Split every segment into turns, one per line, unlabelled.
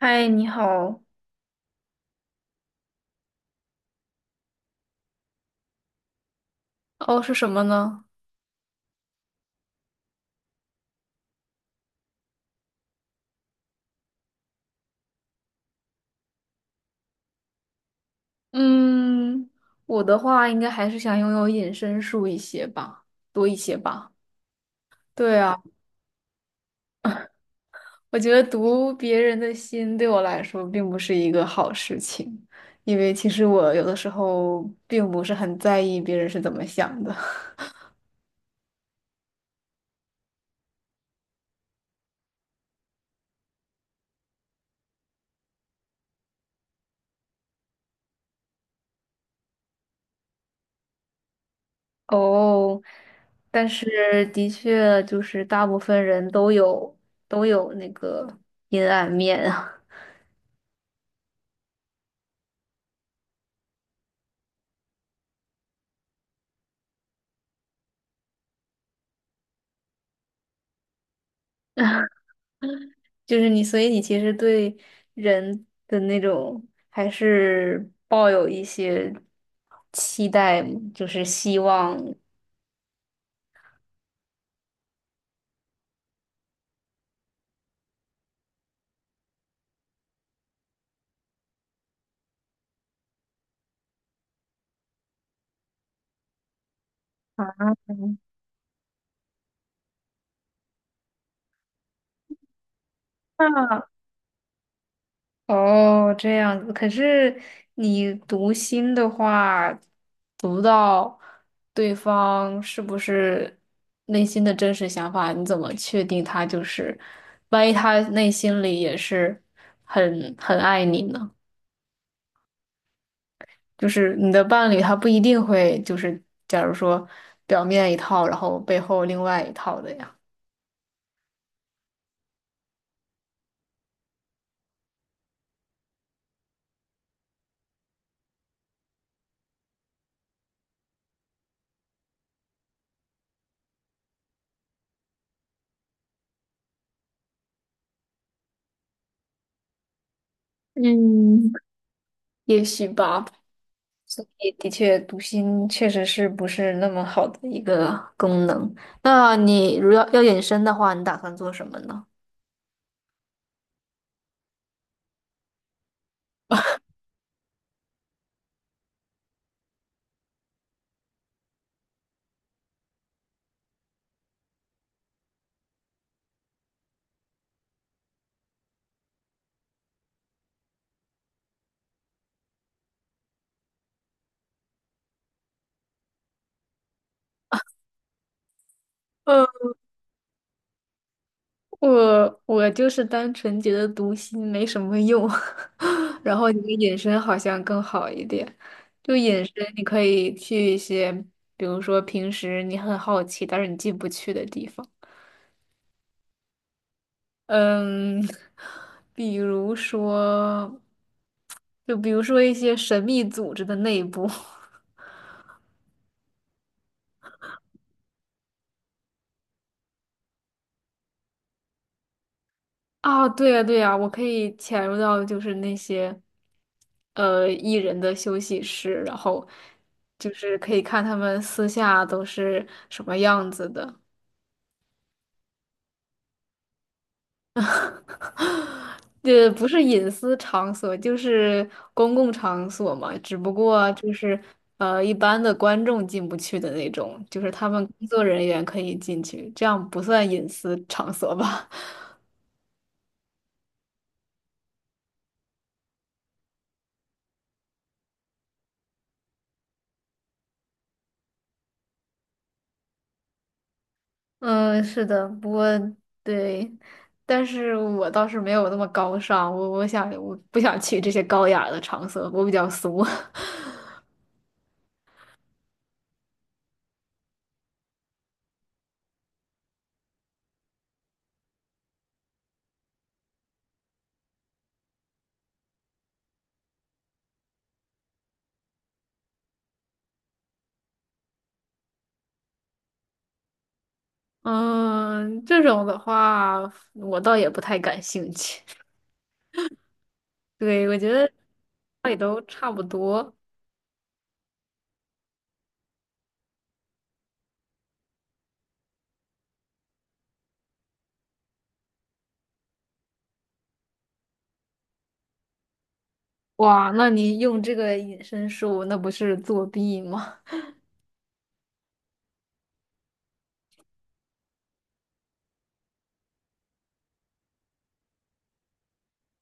嗨，你好。哦，是什么呢？嗯，我的话应该还是想拥有隐身术一些吧，多一些吧。对啊，我觉得读别人的心对我来说并不是一个好事情，因为其实我有的时候并不是很在意别人是怎么想的。哦，但是的确就是大部分人都有那个阴暗面啊。就是你，所以你其实对人的那种还是抱有一些期待，就是希望。啊，那哦，这样子。可是你读心的话，读到对方是不是内心的真实想法，你怎么确定他就是？万一他内心里也是很爱你呢？就是你的伴侣他不一定会就是假如说表面一套，然后背后另外一套的呀。嗯，也许吧。也的确，读心确实是不是那么好的一个功能。那你如要隐身的话，你打算做什么呢？我就是单纯觉得读心没什么用，然后你的引申好像更好一点。就引申，你可以去一些，比如说平时你很好奇，但是你进不去的地方。嗯，比如说，就比如说一些神秘组织的内部。啊，对呀，对呀，我可以潜入到就是那些，艺人的休息室，然后就是可以看他们私下都是什么样子的。不是隐私场所，就是公共场所嘛，只不过就是一般的观众进不去的那种，就是他们工作人员可以进去，这样不算隐私场所吧？嗯，是的，不过对，但是我倒是没有那么高尚，我想我不想去这些高雅的场所，我比较俗。嗯，这种的话，我倒也不太感兴趣。对，我觉得也都差不多。哇，那你用这个隐身术，那不是作弊吗？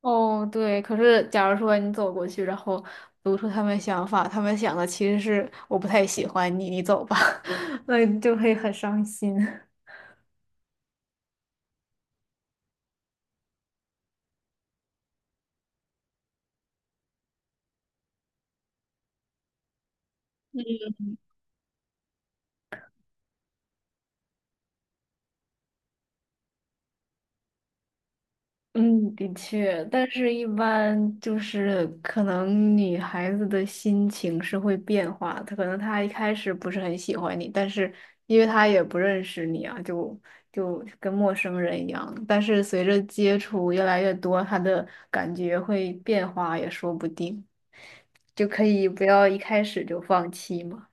哦，对，可是假如说你走过去，然后读出他们想法，他们想的其实是我不太喜欢你，你走吧，那你就会很伤心。嗯，的确，但是一般就是可能女孩子的心情是会变化的，她可能她一开始不是很喜欢你，但是因为她也不认识你啊，就就跟陌生人一样。但是随着接触越来越多，她的感觉会变化也说不定，就可以不要一开始就放弃嘛。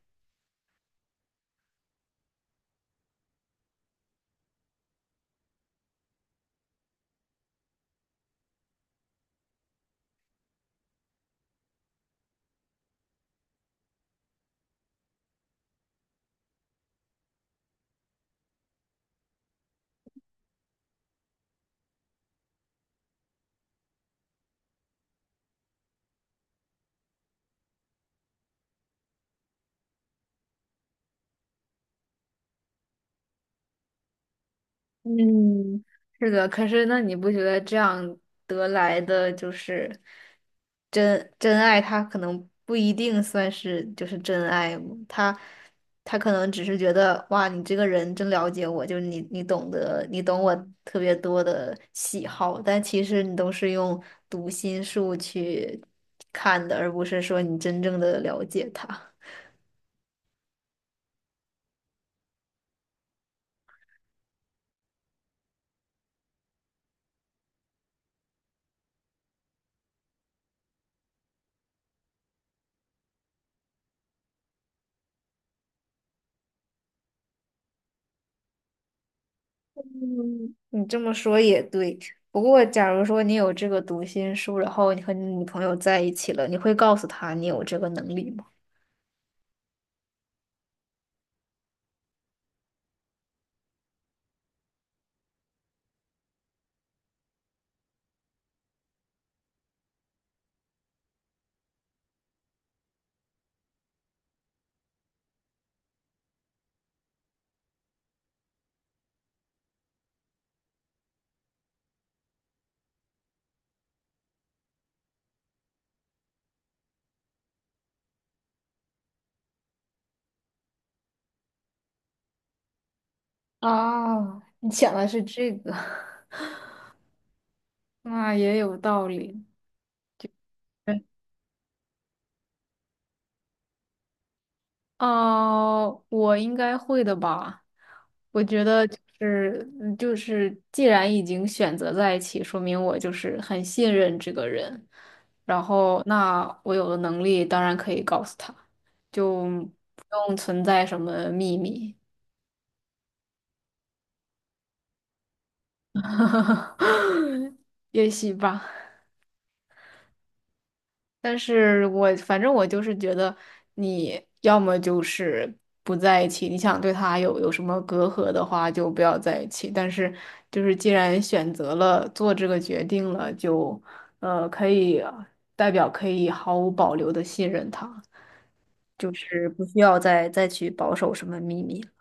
嗯，是的，可是那你不觉得这样得来的就是真爱？他可能不一定算是就是真爱吗，他他可能只是觉得哇，你这个人真了解我，就是你你懂我特别多的喜好，但其实你都是用读心术去看的，而不是说你真正的了解他。嗯，你这么说也对。不过，假如说你有这个读心术，然后你和你女朋友在一起了，你会告诉她你有这个能力吗？啊，你想的是这个，那也有道理。哦，我应该会的吧。我觉得就是就是，既然已经选择在一起，说明我就是很信任这个人。然后，那我有的能力当然可以告诉他，就不用存在什么秘密，也许吧。但是我反正就是觉得，你要么就是不在一起，你想对他有什么隔阂的话，就不要在一起。但是就是既然选择了做这个决定了，就可以代表可以毫无保留的信任他。就是不需要再去保守什么秘密了。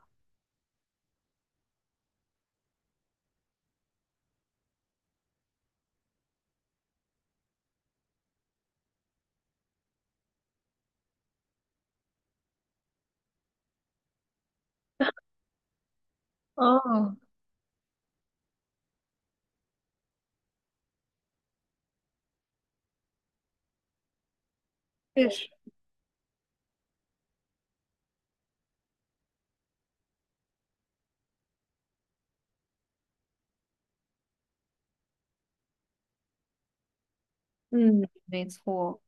哦，确实，嗯，没错。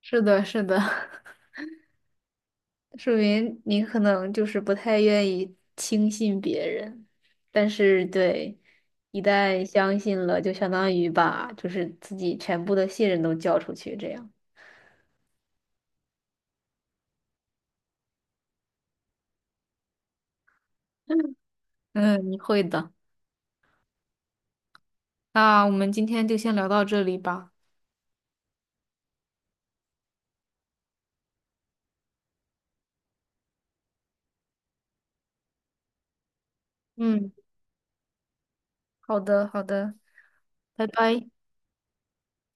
是的，是的。说明你可能就是不太愿意轻信别人，但是对，一旦相信了，就相当于把就是自己全部的信任都交出去，这样。嗯，你会的。那我们今天就先聊到这里吧。嗯，好的，好的，拜拜。